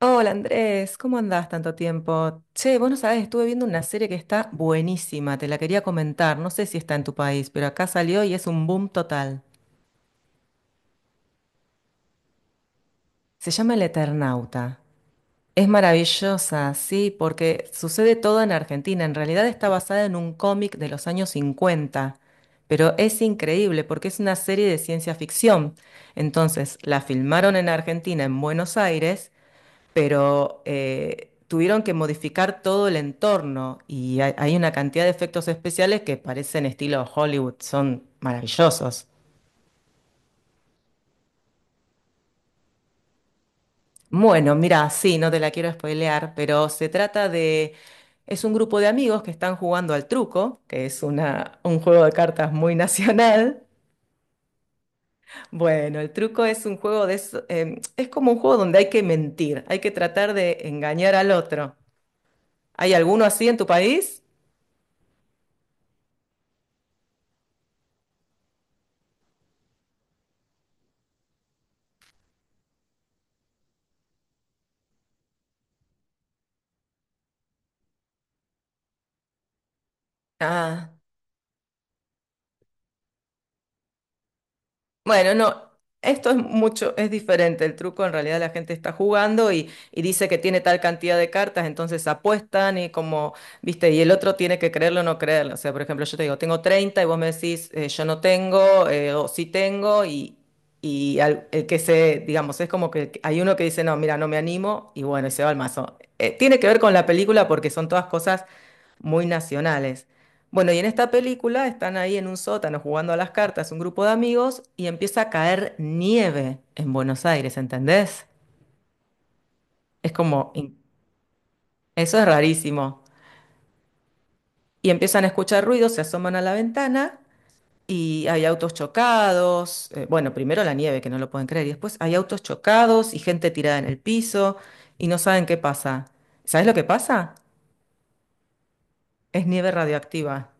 Hola Andrés, ¿cómo andás tanto tiempo? Che, vos no sabés, estuve viendo una serie que está buenísima, te la quería comentar, no sé si está en tu país, pero acá salió y es un boom total. Se llama El Eternauta. Es maravillosa, sí, porque sucede todo en Argentina, en realidad está basada en un cómic de los años 50, pero es increíble porque es una serie de ciencia ficción. Entonces, la filmaron en Argentina, en Buenos Aires, pero tuvieron que modificar todo el entorno y hay una cantidad de efectos especiales que parecen estilo Hollywood, son maravillosos. Bueno, mira, sí, no te la quiero spoilear, pero se trata de... Es un grupo de amigos que están jugando al truco, que es un juego de cartas muy nacional. Bueno, el truco es un juego de... es como un juego donde hay que mentir, hay que tratar de engañar al otro. ¿Hay alguno así en tu país? Ah. Bueno, no, esto es mucho, es diferente. El truco en realidad la gente está jugando y dice que tiene tal cantidad de cartas, entonces apuestan y como, viste, y el otro tiene que creerlo o no creerlo. O sea, por ejemplo, yo te digo, tengo 30 y vos me decís, yo no tengo, o sí tengo, el que se, digamos, es como que hay uno que dice, no, mira, no me animo, y bueno, y se va al mazo. Tiene que ver con la película porque son todas cosas muy nacionales. Bueno, y en esta película están ahí en un sótano jugando a las cartas un grupo de amigos y empieza a caer nieve en Buenos Aires, ¿entendés? Es como, in- Eso es rarísimo. Y empiezan a escuchar ruidos, se asoman a la ventana y hay autos chocados. Bueno, primero la nieve, que no lo pueden creer, y después hay autos chocados y gente tirada en el piso y no saben qué pasa. ¿Sabés lo que pasa? Es nieve radioactiva.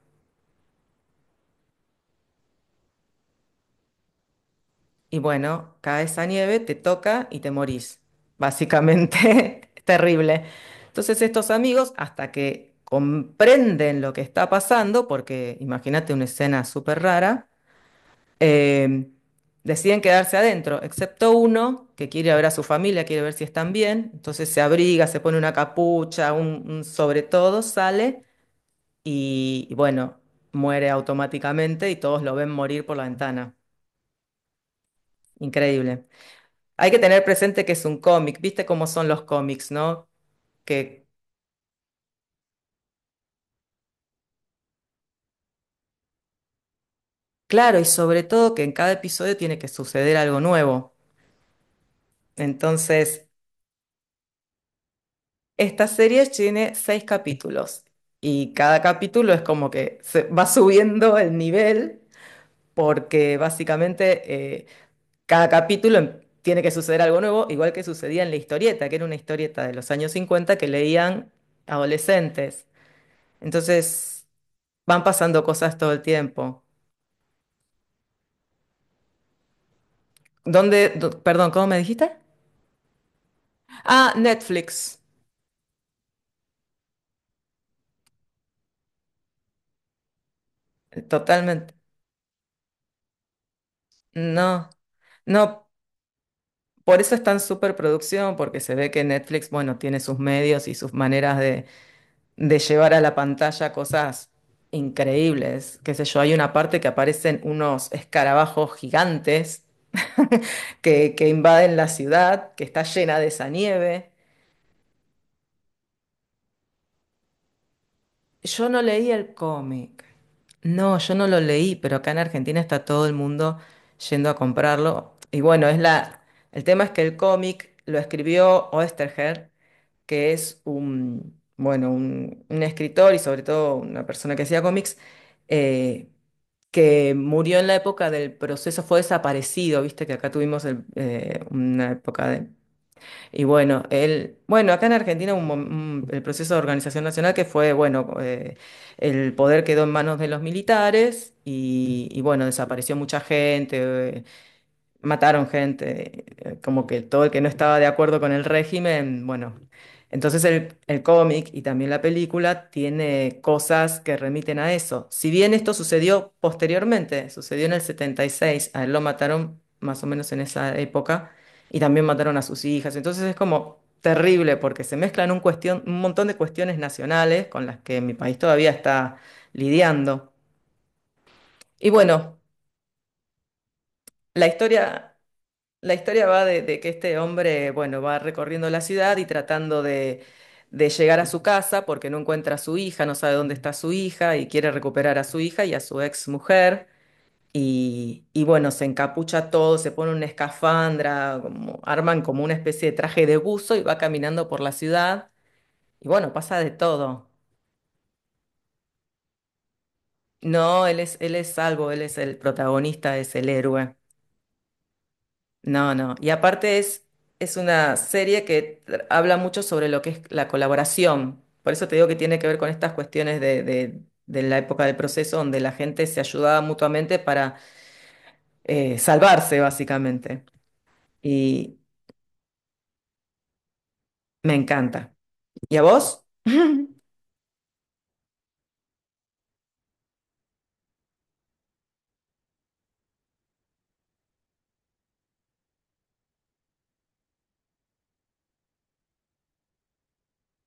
Y bueno, cae esa nieve, te toca y te morís. Básicamente, es terrible. Entonces estos amigos, hasta que comprenden lo que está pasando, porque imagínate una escena súper rara, eh, deciden quedarse adentro, excepto uno que quiere ver a su familia, quiere ver si están bien. Entonces se abriga, se pone una capucha, un sobre todo, sale y bueno, muere automáticamente y todos lo ven morir por la ventana. Increíble. Hay que tener presente que es un cómic, viste cómo son los cómics, ¿no? Que, claro, y sobre todo que en cada episodio tiene que suceder algo nuevo. Entonces, esta serie tiene 6 capítulos y cada capítulo es como que se va subiendo el nivel porque básicamente cada capítulo tiene que suceder algo nuevo, igual que sucedía en la historieta, que era una historieta de los años 50 que leían adolescentes. Entonces, van pasando cosas todo el tiempo. ¿Dónde? Perdón, ¿cómo me dijiste? Ah, Netflix. Totalmente. No, no, por eso es tan superproducción, porque se ve que Netflix, bueno, tiene sus medios y sus maneras de llevar a la pantalla cosas increíbles. Qué sé yo, hay una parte que aparecen unos escarabajos gigantes que invaden la ciudad, que está llena de esa nieve. Yo no leí el cómic. No, yo no lo leí, pero acá en Argentina está todo el mundo yendo a comprarlo. Y bueno, el tema es que el cómic lo escribió Oesterheld, que es un, bueno, un escritor y sobre todo una persona que hacía cómics, eh, que murió en la época del proceso, fue desaparecido, viste que acá tuvimos una época de y bueno, bueno, acá en Argentina hubo el proceso de organización nacional que fue, bueno, el poder quedó en manos de los militares y, bueno, desapareció mucha gente, eh, mataron gente, como que todo el que no estaba de acuerdo con el régimen, bueno. Entonces el cómic y también la película tiene cosas que remiten a eso. Si bien esto sucedió posteriormente, sucedió en el 76, a él lo mataron más o menos en esa época y también mataron a sus hijas. Entonces es como terrible porque se mezclan un cuestión, un montón de cuestiones nacionales con las que mi país todavía está lidiando. Y bueno, la historia... La historia va de que este hombre, bueno, va recorriendo la ciudad y tratando de llegar a su casa porque no encuentra a su hija, no sabe dónde está su hija y quiere recuperar a su hija y a su ex mujer. Y bueno, se encapucha todo, se pone una escafandra, como, arman como una especie de traje de buzo y va caminando por la ciudad. Y bueno, pasa de todo. No, él es salvo, él es el protagonista, es el héroe. No, no. Y aparte es una serie que habla mucho sobre lo que es la colaboración. Por eso te digo que tiene que ver con estas cuestiones de la época del proceso, donde la gente se ayudaba mutuamente para salvarse, básicamente. Y me encanta. ¿Y a vos?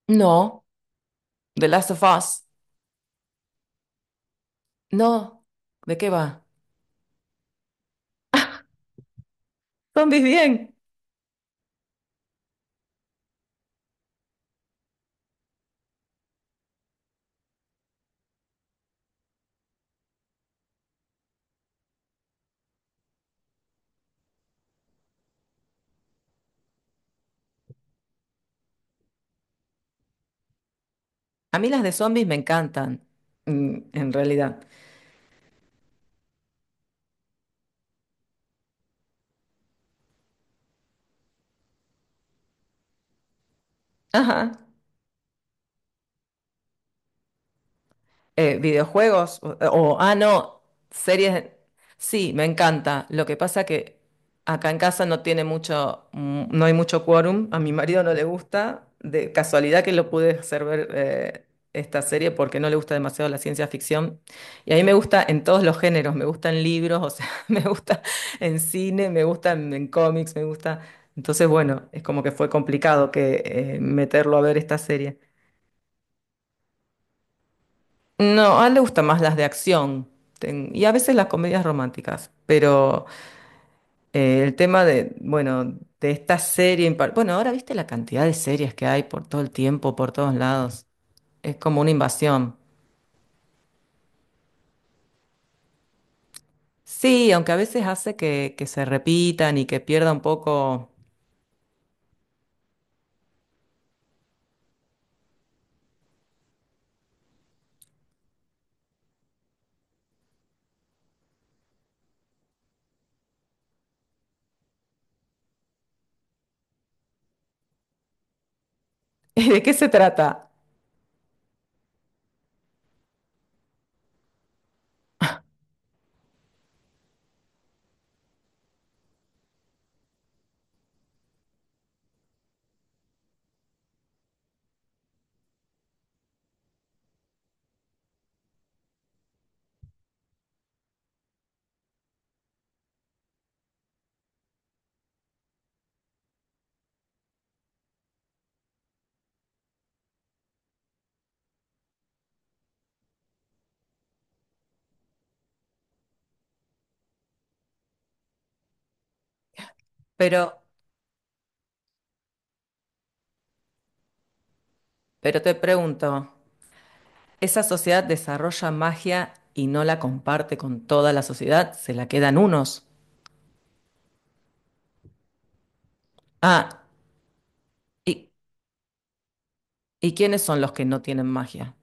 No, The Last of Us. No, ¿de qué va? Zombies bien. A mí las de zombies me encantan, mm, en realidad. Ajá. Videojuegos no, series. Sí, me encanta. Lo que pasa que acá en casa no tiene mucho, mm, no hay mucho quórum. A mi marido no le gusta. De casualidad que lo pude hacer ver esta serie porque no le gusta demasiado la ciencia ficción. Y a mí me gusta en todos los géneros. Me gustan libros, o sea, me gusta en cine, me gustan en cómics, me gusta. Entonces, bueno, es como que fue complicado que meterlo a ver esta serie. No, a él le gustan más las de acción y a veces las comedias románticas, pero el tema de, bueno, de esta serie, bueno, ahora viste la cantidad de series que hay por todo el tiempo, por todos lados, es como una invasión. Sí, aunque a veces hace que se repitan y que pierda un poco de qué se trata, pero, pero te pregunto, ¿esa sociedad desarrolla magia y no la comparte con toda la sociedad? ¿Se la quedan unos? Ah. Y ¿Y quiénes son los que no tienen magia?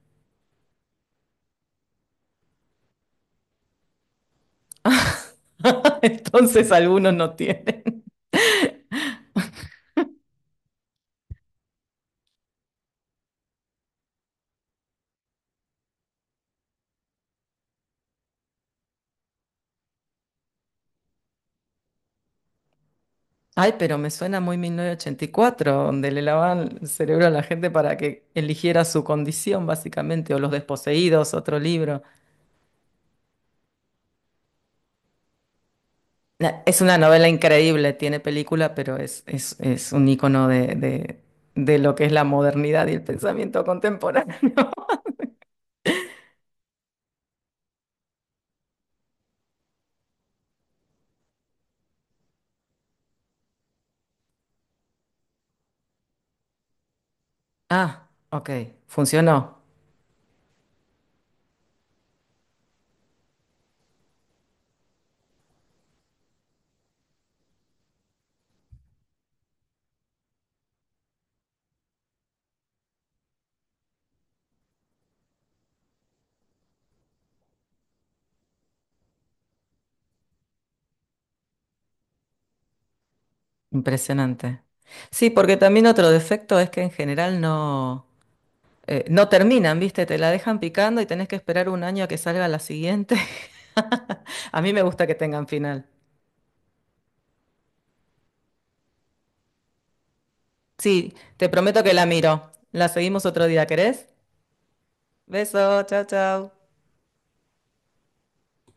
Entonces algunos no tienen. Ay, pero me suena muy 1984, donde le lavaban el cerebro a la gente para que eligiera su condición, básicamente, o Los Desposeídos, otro libro. Es una novela increíble, tiene película, pero es un icono de lo que es la modernidad y el pensamiento contemporáneo. Ah, ok, funcionó. Impresionante. Sí, porque también otro defecto es que en general no... no terminan, ¿viste? Te la dejan picando y tenés que esperar 1 año a que salga la siguiente. A mí me gusta que tengan final. Sí, te prometo que la miro. La seguimos otro día, ¿querés? Beso, chao, chao.